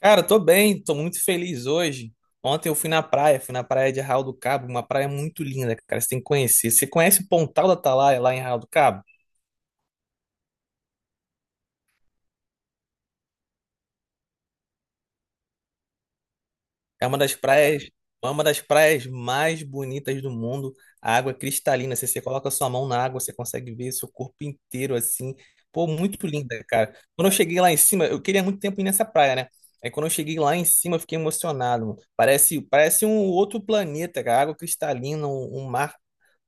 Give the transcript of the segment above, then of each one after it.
Cara, tô bem, tô muito feliz hoje. Ontem eu fui na praia de Arraial do Cabo, uma praia muito linda, cara, você tem que conhecer. Você conhece Pontal da Atalaia lá em Arraial do Cabo? É uma das praias, é uma das praias mais bonitas do mundo. A água é cristalina, você coloca sua mão na água, você consegue ver seu corpo inteiro assim. Pô, muito linda, cara. Quando eu cheguei lá em cima, eu queria muito tempo ir nessa praia, né? Aí quando eu cheguei lá em cima, eu fiquei emocionado, mano. Parece um outro planeta, cara. Água cristalina, um mar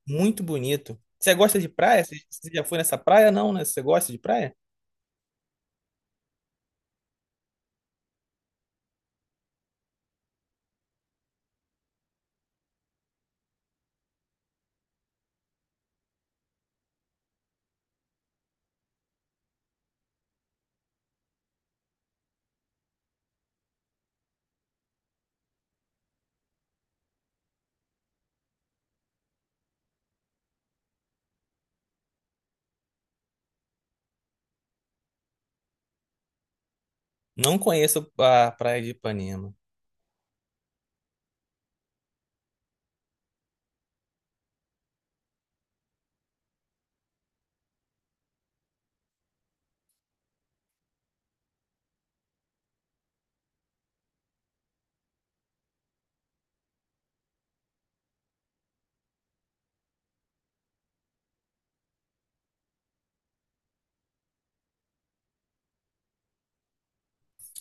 muito bonito. Você gosta de praia? Você já foi nessa praia? Não, né? Você gosta de praia? Não conheço a Praia de Ipanema.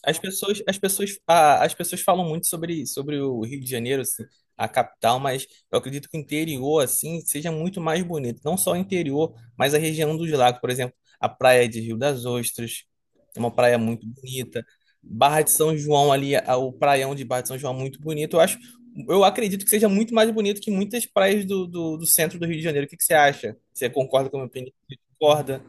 As pessoas falam muito sobre o Rio de Janeiro, assim, a capital, mas eu acredito que o interior, assim, seja muito mais bonito. Não só o interior, mas a região dos lagos, por exemplo, a praia de Rio das Ostras, é uma praia muito bonita. Barra de São João ali, o praião de Barra de São João é muito bonito. Eu acho, eu acredito que seja muito mais bonito que muitas praias do centro do Rio de Janeiro. O que que você acha? Você concorda com a minha opinião? Concorda?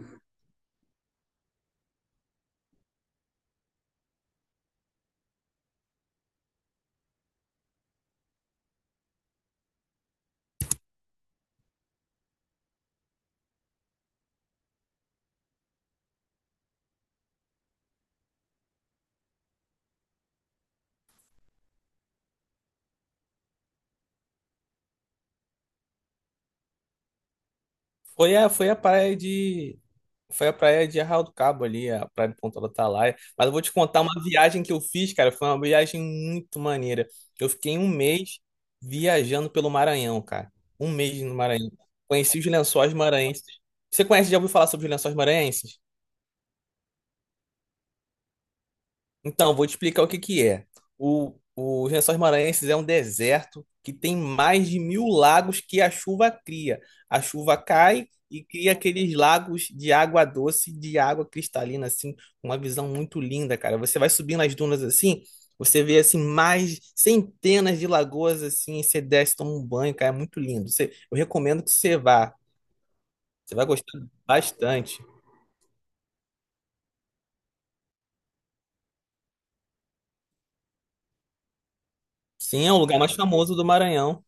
Foi a, foi a praia de Foi a praia de Arraial do Cabo ali, a praia de Ponta do Atalaia. Mas eu vou te contar uma viagem que eu fiz, cara. Foi uma viagem muito maneira. Eu fiquei um mês viajando pelo Maranhão, cara. Um mês no Maranhão. Conheci os lençóis maranhenses. Você conhece, já ouviu falar sobre os lençóis maranhenses? Então, vou te explicar o que que é. Os Lençóis Maranhenses é um deserto que tem mais de 1000 lagos que a chuva cria. A chuva cai e cria aqueles lagos de água doce, de água cristalina, assim, uma visão muito linda, cara. Você vai subindo as dunas assim, você vê assim mais centenas de lagoas assim, e você desce, toma um banho, cara, é muito lindo. Eu recomendo que você vá. Você vai gostar bastante. Sim, é o lugar mais famoso do Maranhão.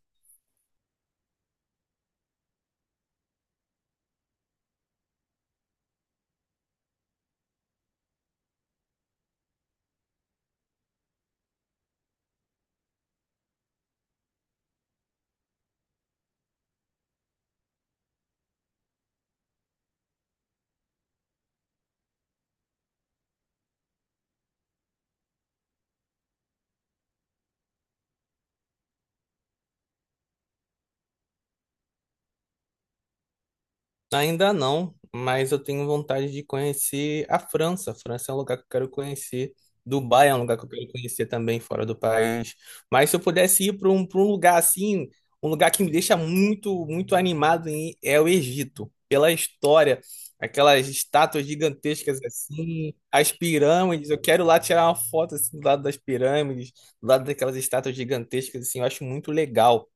Ainda não, mas eu tenho vontade de conhecer a França. A França é um lugar que eu quero conhecer. Dubai é um lugar que eu quero conhecer também, fora do país. Mas se eu pudesse ir para um lugar assim, um lugar que me deixa muito animado é o Egito. Pela história, aquelas estátuas gigantescas assim, as pirâmides. Eu quero lá tirar uma foto assim, do lado das pirâmides, do lado daquelas estátuas gigantescas assim. Eu acho muito legal.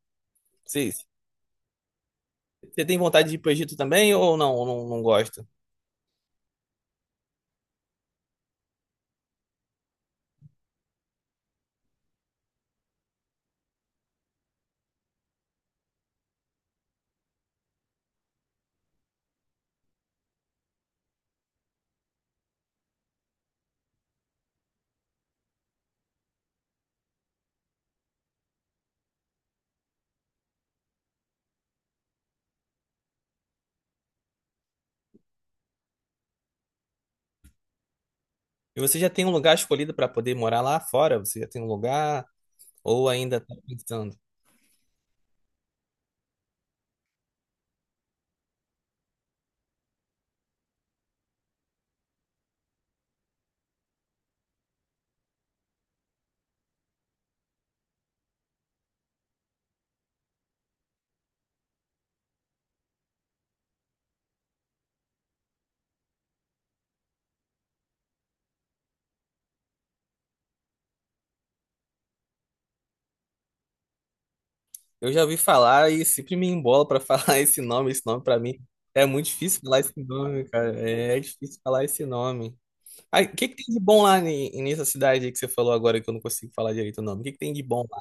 Vocês- Você tem vontade de ir para o Egito também ou não? Ou não, não gosta? E você já tem um lugar escolhido para poder morar lá fora? Você já tem um lugar ou ainda tá pensando? Eu já ouvi falar e sempre me embola para falar esse nome. Esse nome para mim é muito difícil falar esse nome, cara. É, difícil falar esse nome. Aí, o que que tem de bom lá nessa cidade aí que você falou agora que eu não consigo falar direito o nome? O que que tem de bom lá?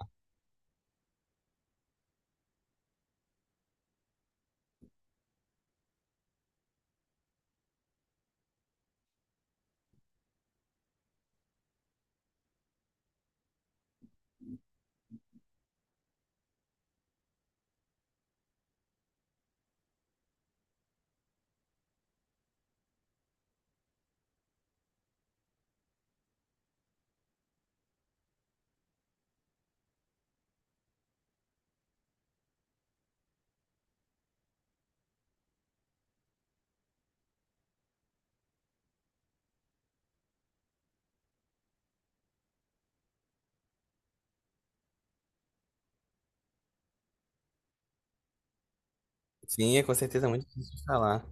Sim, é com certeza muito difícil de falar.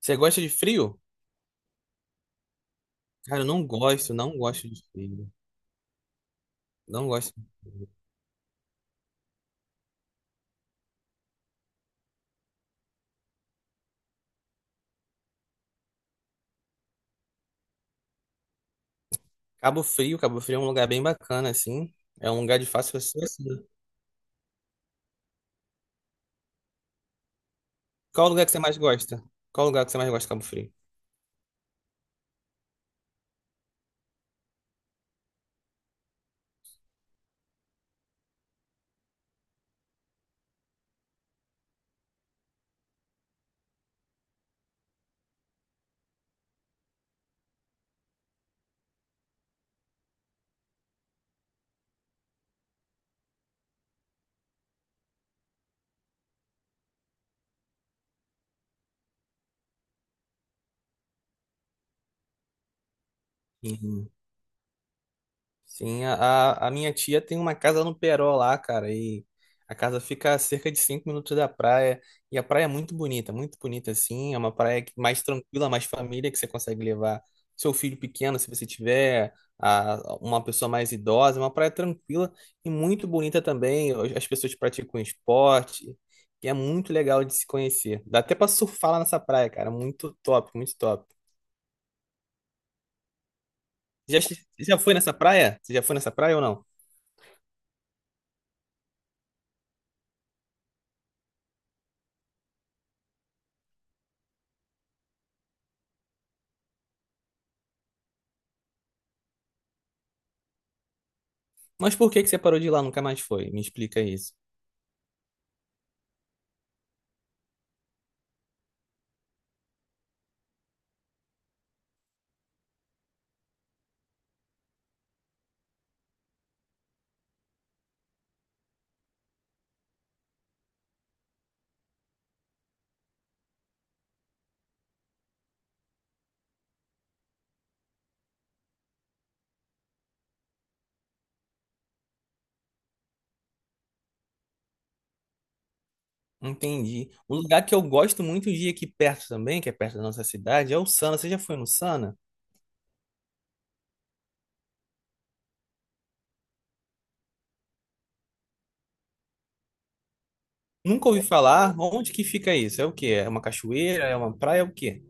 Você gosta de frio? Cara, eu não gosto, não gosto de frio. Não gosto de frio. Cabo Frio, Cabo Frio é um lugar bem bacana, assim. É um lugar de fácil acesso. Né? Qual lugar que você mais gosta? Qual lugar que você mais gosta de Cabo Frio? Uhum. Sim, a minha tia tem uma casa no Peró lá, cara, e a casa fica a cerca de 5 minutos da praia, e a praia é muito bonita assim, mais tranquila, mais família, que você consegue levar seu filho pequeno, se você tiver uma pessoa mais idosa, é uma praia tranquila e muito bonita também, as pessoas praticam esporte, e é muito legal de se conhecer. Dá até pra surfar lá nessa praia, cara, muito top, muito top. Já foi nessa praia? Você já foi nessa praia ou não? Mas por que que você parou de ir lá, nunca mais foi? Me explica isso. Entendi. Um lugar que eu gosto muito de ir aqui perto também, que é perto da nossa cidade, é o Sana. Você já foi no Sana? Nunca ouvi falar. Onde que fica isso? É o quê? É uma cachoeira? É uma praia? É o quê?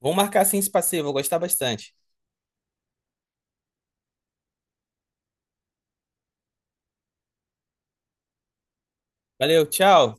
Vamos marcar assim esse passeio, vou gostar bastante. Valeu, tchau.